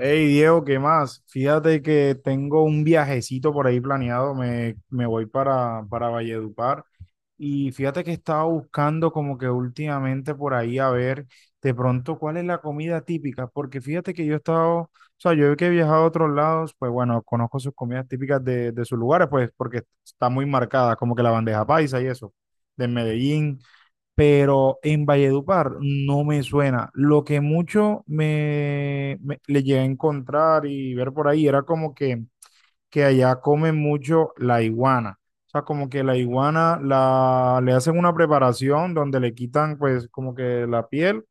Hey Diego, ¿qué más? Fíjate que tengo un viajecito por ahí planeado, me voy para Valledupar y fíjate que estaba buscando como que últimamente por ahí a ver de pronto cuál es la comida típica, porque fíjate que yo he estado, o sea, yo que he viajado a otros lados, pues bueno, conozco sus comidas típicas de sus lugares, pues porque está muy marcada, como que la bandeja paisa y eso, de Medellín pero en Valledupar no me suena. Lo que mucho le llegué a encontrar y ver por ahí era como que allá comen mucho la iguana. O sea, como que la iguana le hacen una preparación donde le quitan pues como que la piel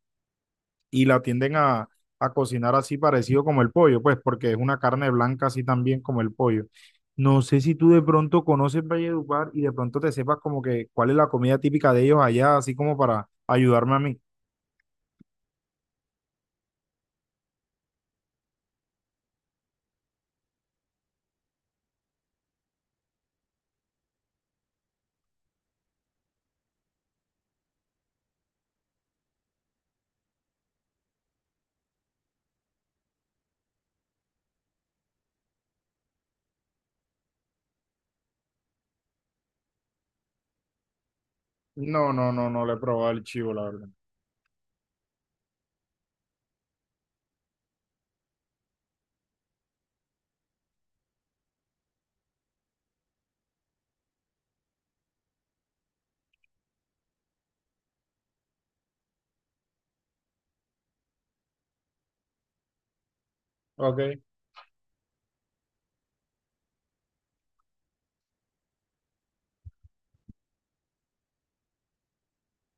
y la tienden a cocinar así parecido como el pollo, pues porque es una carne blanca así también como el pollo. No sé si tú de pronto conoces Valledupar y de pronto te sepas como que cuál es la comida típica de ellos allá, así como para ayudarme a mí. No, no, no, no le he probado el chivo, la verdad. Ok.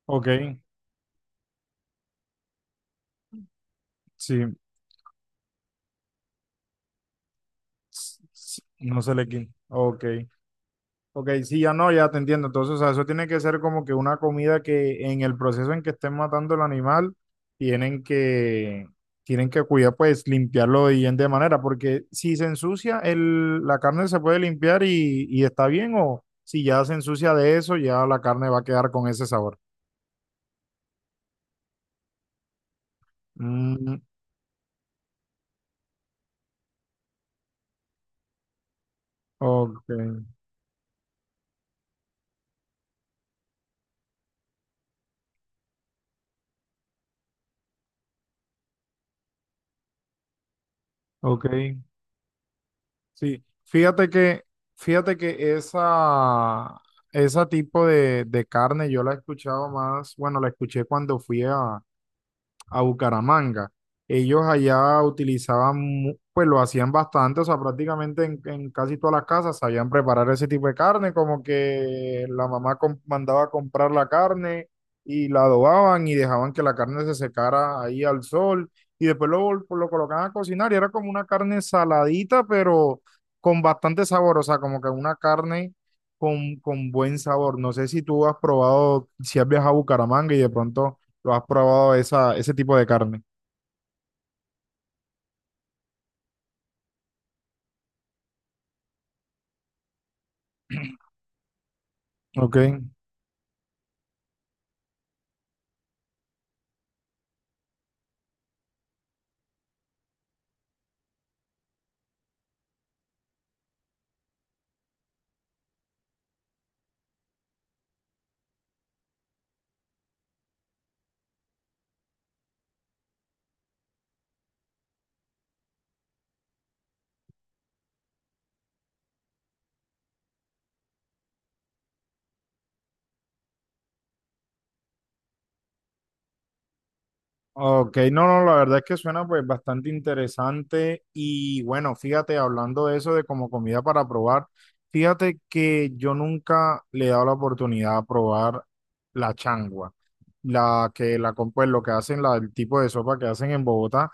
Ok, sí, no sé le quién. Ok. Ok, sí, ya no, ya te entiendo. Entonces, o sea, eso tiene que ser como que una comida que en el proceso en que estén matando el animal, tienen que, tienen que cuidar, pues, limpiarlo de bien de manera, porque si se ensucia, el, la carne se puede limpiar y está bien, o si ya se ensucia de eso, ya la carne va a quedar con ese sabor. Mm, ok, ok. Sí, fíjate que esa, ese tipo de carne yo la he escuchado más, bueno, la escuché cuando fui a Bucaramanga. Ellos allá utilizaban, pues lo hacían bastante, o sea, prácticamente en casi todas las casas sabían preparar ese tipo de carne, como que la mamá mandaba a comprar la carne y la adobaban y dejaban que la carne se secara ahí al sol y después lo colocaban a cocinar y era como una carne saladita, pero con bastante sabor, o sea, como que una carne con buen sabor. No sé si tú has probado, si has viajado a Bucaramanga y de pronto lo has probado esa, ese tipo de carne. Ok. Ok, no, no, la verdad es que suena pues bastante interesante y bueno, fíjate, hablando de eso de como comida para probar, fíjate que yo nunca le he dado la oportunidad a probar la changua, la que la, pues lo que hacen, la, el tipo de sopa que hacen en Bogotá,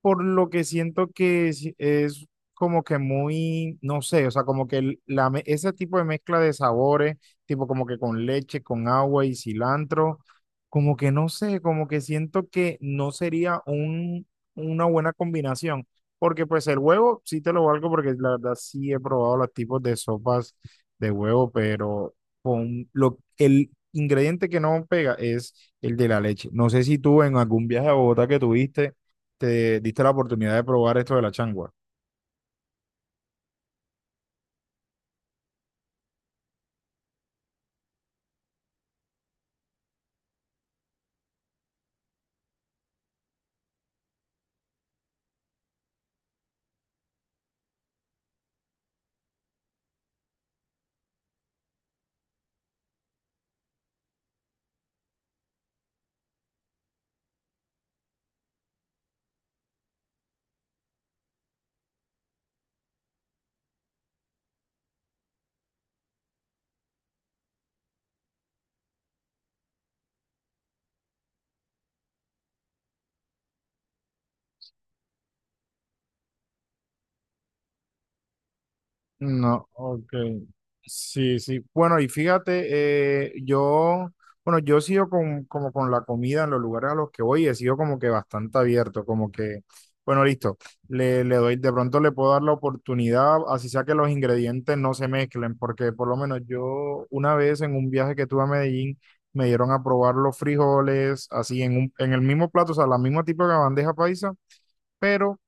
por lo que siento que es como que muy, no sé, o sea, como que la, ese tipo de mezcla de sabores, tipo como que con leche, con agua y cilantro, como que no sé, como que siento que no sería un, una buena combinación, porque pues el huevo sí te lo valgo porque la verdad sí he probado los tipos de sopas de huevo, pero con lo, el ingrediente que no pega es el de la leche. No sé si tú en algún viaje a Bogotá que tuviste te diste la oportunidad de probar esto de la changua. No, ok. Sí, sí. Bueno, y fíjate, yo, bueno, yo sigo con, como con la comida en los lugares a los que voy, he sido como que bastante abierto, como que, bueno, listo, le doy, de pronto le puedo dar la oportunidad, así sea que los ingredientes no se mezclen, porque por lo menos yo una vez en un viaje que tuve a Medellín, me dieron a probar los frijoles, así en un, en el mismo plato, o sea, la misma tipo de bandeja paisa, pero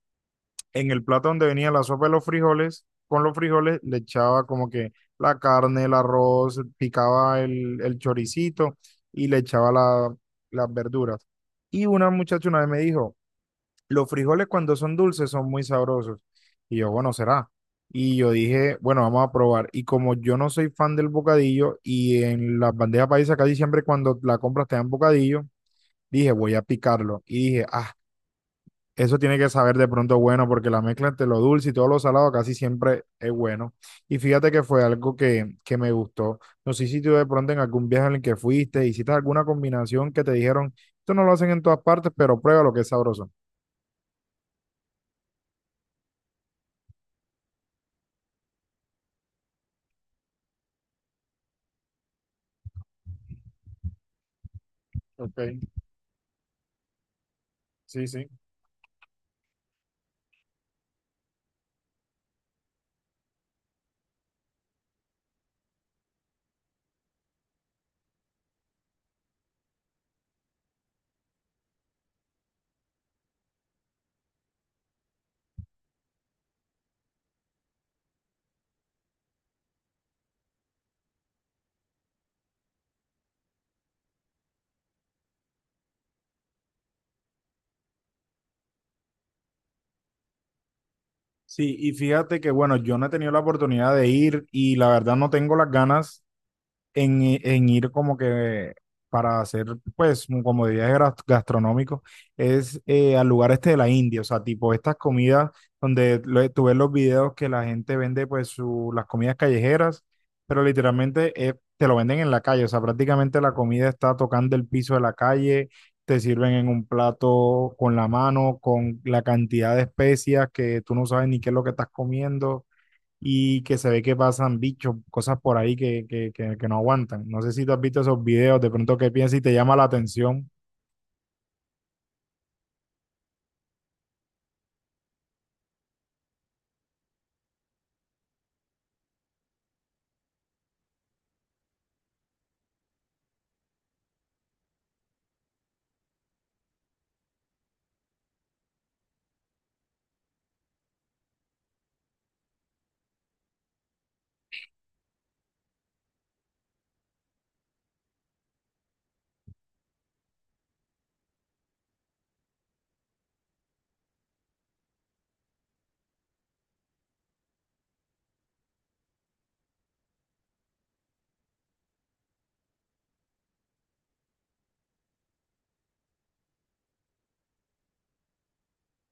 en el plato donde venía la sopa de los frijoles, con los frijoles le echaba como que la carne, el arroz, picaba el choricito y le echaba las verduras. Y una muchacha una vez me dijo, los frijoles cuando son dulces son muy sabrosos. Y yo, bueno, será. Y yo dije, bueno, vamos a probar. Y como yo no soy fan del bocadillo y en las bandejas paisas casi siempre cuando la compras te dan bocadillo, dije, voy a picarlo. Y dije, ah, eso tiene que saber de pronto bueno, porque la mezcla entre lo dulce y todo lo salado casi siempre es bueno. Y fíjate que fue algo que me gustó. No sé si tú de pronto en algún viaje en el que fuiste, hiciste alguna combinación que te dijeron, esto no lo hacen en todas partes, pero prueba lo que es sabroso. Ok, sí, sí. Sí, y fíjate que bueno, yo no he tenido la oportunidad de ir y la verdad no tengo las ganas en ir como que para hacer, pues, como de viajes gastronómicos, es al lugar este de la India, o sea, tipo estas comidas donde tú ves los videos que la gente vende, pues, las comidas callejeras, pero literalmente te lo venden en la calle, o sea, prácticamente la comida está tocando el piso de la calle, te sirven en un plato con la mano, con la cantidad de especias que tú no sabes ni qué es lo que estás comiendo y que se ve que pasan bichos, cosas por ahí que no aguantan. No sé si tú has visto esos videos, de pronto qué piensas y te llama la atención.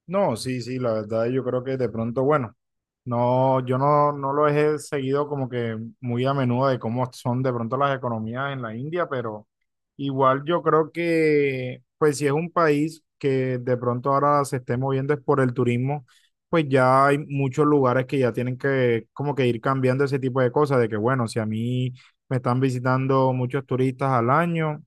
No, sí, sí, la verdad yo creo que de pronto, bueno, no, yo no, no lo he seguido como que muy a menudo de cómo son de pronto las economías en la India, pero igual yo creo que, pues si es un país que de pronto ahora se esté moviendo es por el turismo, pues ya hay muchos lugares que ya tienen que como que ir cambiando ese tipo de cosas, de que bueno, si a mí me están visitando muchos turistas al año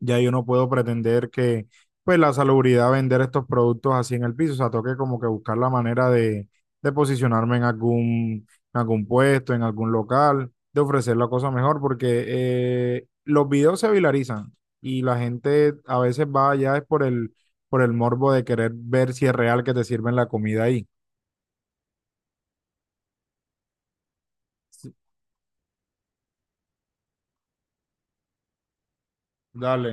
ya yo no puedo pretender que, pues, la salubridad vender estos productos así en el piso. O sea, toque como que buscar la manera de posicionarme en algún puesto, en algún local, de ofrecer la cosa mejor, porque los videos se viralizan y la gente a veces va allá es por el morbo de querer ver si es real que te sirven la comida ahí. Sí. Dale.